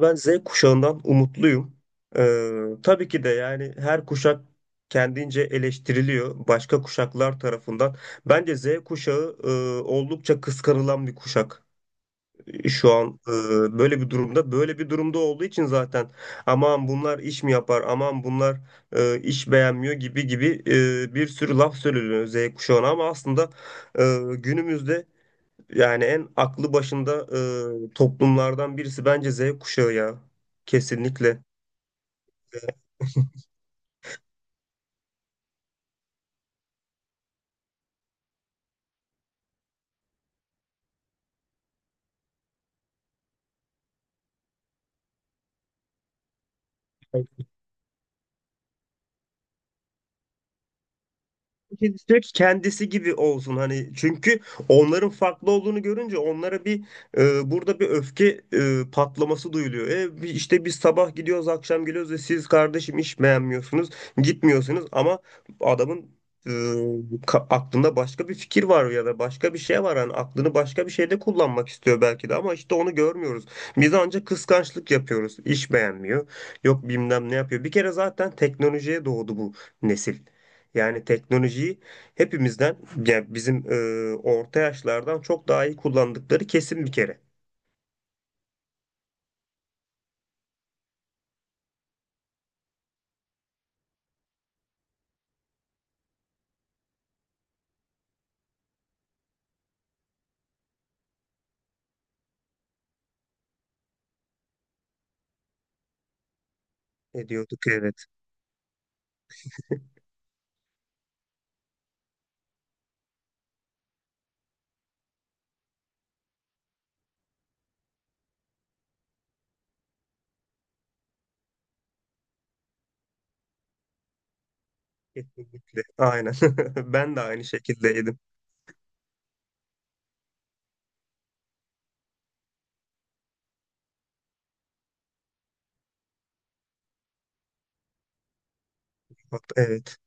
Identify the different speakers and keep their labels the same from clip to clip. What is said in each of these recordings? Speaker 1: Ben Z kuşağından umutluyum. Tabii ki de yani her kuşak kendince eleştiriliyor başka kuşaklar tarafından. Bence Z kuşağı oldukça kıskanılan bir kuşak. Şu an böyle bir durumda. Böyle bir durumda olduğu için zaten aman bunlar iş mi yapar, aman bunlar iş beğenmiyor gibi gibi bir sürü laf söyleniyor Z kuşağına ama aslında günümüzde yani en aklı başında toplumlardan birisi bence Z kuşağı ya. Kesinlikle. Türk kendisi gibi olsun hani çünkü onların farklı olduğunu görünce onlara bir burada bir öfke patlaması duyuluyor. İşte biz sabah gidiyoruz akşam geliyoruz ve siz kardeşim iş beğenmiyorsunuz gitmiyorsunuz ama adamın e, aklında başka bir fikir var ya da başka bir şey var hani aklını başka bir şeyde kullanmak istiyor belki de ama işte onu görmüyoruz. Biz ancak kıskançlık yapıyoruz. İş beğenmiyor. Yok bilmem ne yapıyor. Bir kere zaten teknolojiye doğdu bu nesil. Yani teknolojiyi hepimizden, yani bizim orta yaşlardan çok daha iyi kullandıkları kesin bir kere. Ediyorduk, evet. Kesinlikle. Aynen. Ben de aynı şekildeydim. Evet.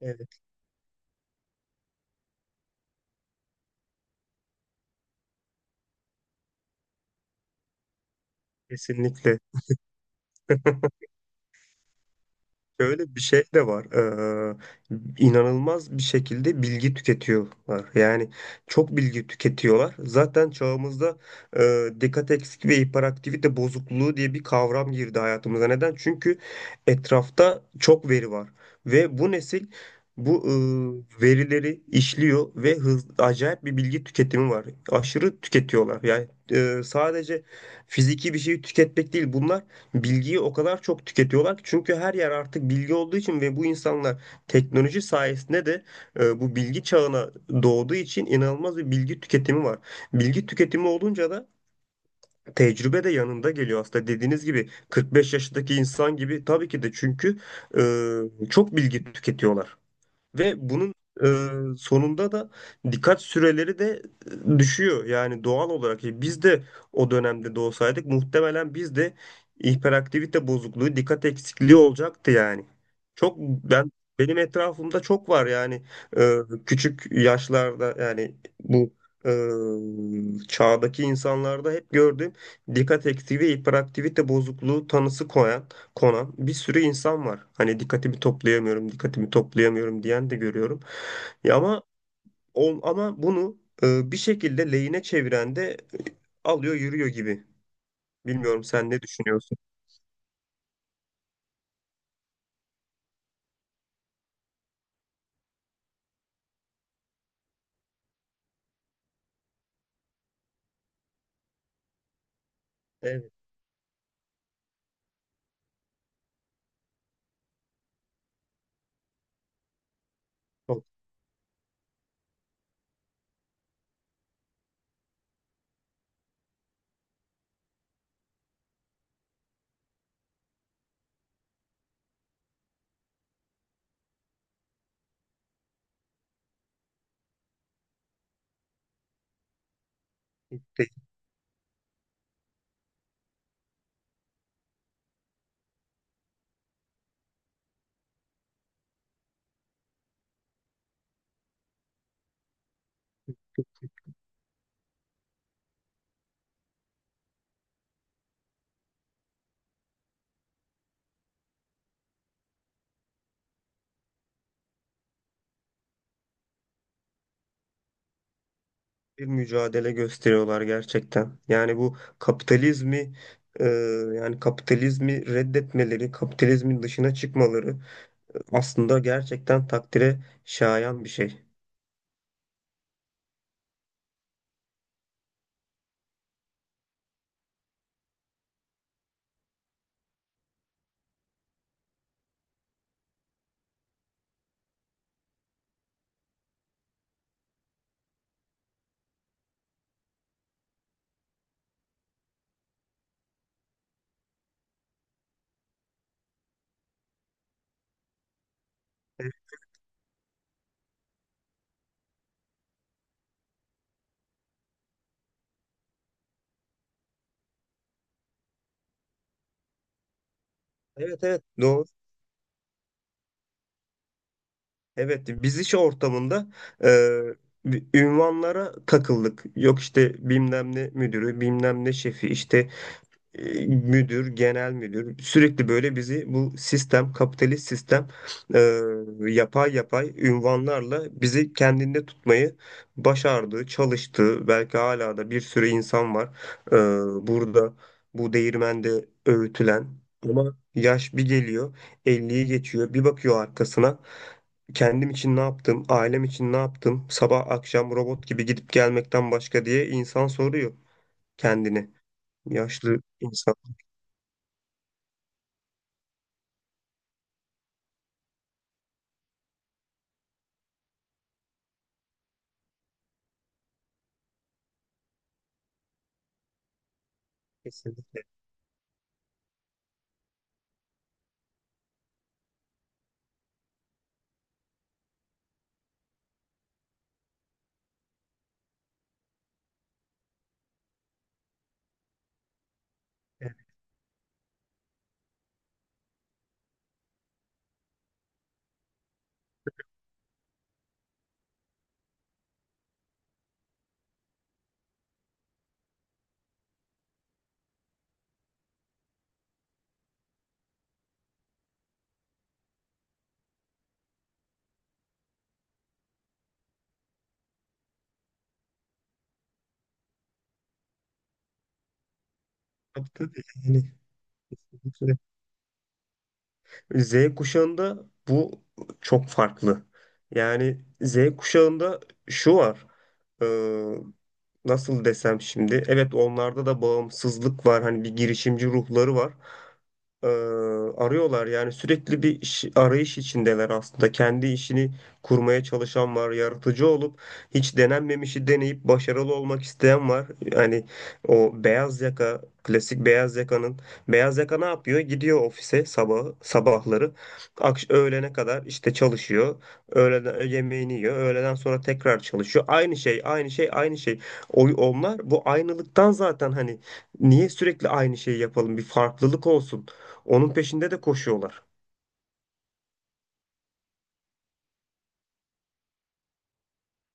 Speaker 1: Evet. Kesinlikle. Şöyle bir şey de var. İnanılmaz bir şekilde bilgi tüketiyorlar. Yani çok bilgi tüketiyorlar. Zaten çağımızda dikkat eksikliği ve hiperaktivite bozukluğu diye bir kavram girdi hayatımıza. Neden? Çünkü etrafta çok veri var. Ve bu nesil bu verileri işliyor ve hız, acayip bir bilgi tüketimi var. Aşırı tüketiyorlar. Yani sadece fiziki bir şeyi tüketmek değil bunlar. Bilgiyi o kadar çok tüketiyorlar ki çünkü her yer artık bilgi olduğu için ve bu insanlar teknoloji sayesinde de bu bilgi çağına doğduğu için inanılmaz bir bilgi tüketimi var. Bilgi tüketimi olunca da tecrübe de yanında geliyor aslında dediğiniz gibi 45 yaşındaki insan gibi tabii ki de çünkü çok bilgi tüketiyorlar. Ve bunun sonunda da dikkat süreleri de düşüyor. Yani doğal olarak biz de o dönemde doğsaydık muhtemelen biz de hiperaktivite bozukluğu, dikkat eksikliği olacaktı yani. Çok ben benim etrafımda çok var yani. E, Küçük yaşlarda yani bu çağdaki insanlarda hep gördüğüm dikkat eksikliği ve hiperaktivite bozukluğu tanısı konan bir sürü insan var. Hani dikkatimi toplayamıyorum, dikkatimi toplayamıyorum diyen de görüyorum. Ya ama ama bunu bir şekilde lehine çeviren de alıyor yürüyor gibi. Bilmiyorum, sen ne düşünüyorsun? Evet, çok tehlikeli bir mücadele gösteriyorlar gerçekten. Yani bu kapitalizmi e, yani kapitalizmi reddetmeleri, kapitalizmin dışına çıkmaları aslında gerçekten takdire şayan bir şey. Evet evet doğru. Evet, biz iş ortamında e, bir ünvanlara takıldık. Yok işte bilmem ne müdürü, bilmem ne şefi, işte müdür, genel müdür sürekli böyle bizi bu sistem, kapitalist sistem e, yapay yapay ünvanlarla bizi kendinde tutmayı başardı, çalıştı. Belki hala da bir sürü insan var burada bu değirmende öğütülen ama yaş bir geliyor, 50'yi geçiyor, bir bakıyor arkasına kendim için ne yaptım, ailem için ne yaptım, sabah akşam robot gibi gidip gelmekten başka diye insan soruyor kendini, yaşlı insan. Kesinlikle. Yani yaptı dedi. Yani kesinlikle. Z kuşağında bu çok farklı. Yani Z kuşağında şu var. Ee, nasıl desem şimdi? Evet, onlarda da bağımsızlık var. Hani bir girişimci ruhları var. Ee, arıyorlar yani sürekli bir arayış içindeler aslında. Kendi işini kurmaya çalışan var. Yaratıcı olup hiç denenmemişi deneyip başarılı olmak isteyen var. Yani o beyaz yaka, klasik beyaz yakanın beyaz yaka ne yapıyor? Gidiyor ofise sabah sabahları öğlene kadar işte çalışıyor. Öğleden yemeğini yiyor. Öğleden sonra tekrar çalışıyor. Aynı şey, aynı şey, aynı şey. Onlar bu aynılıktan zaten hani niye sürekli aynı şeyi yapalım? Bir farklılık olsun. Onun peşinde de koşuyorlar.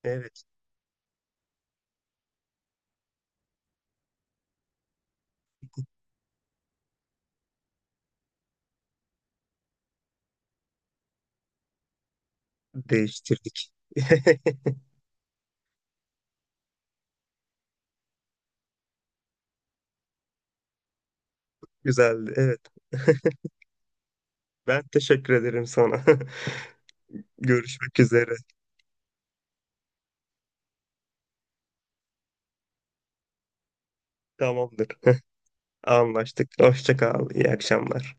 Speaker 1: Evet, değiştirdik. Güzeldi. Evet. Ben teşekkür ederim sana. Görüşmek üzere. Tamamdır. Anlaştık. Hoşça kal. İyi akşamlar.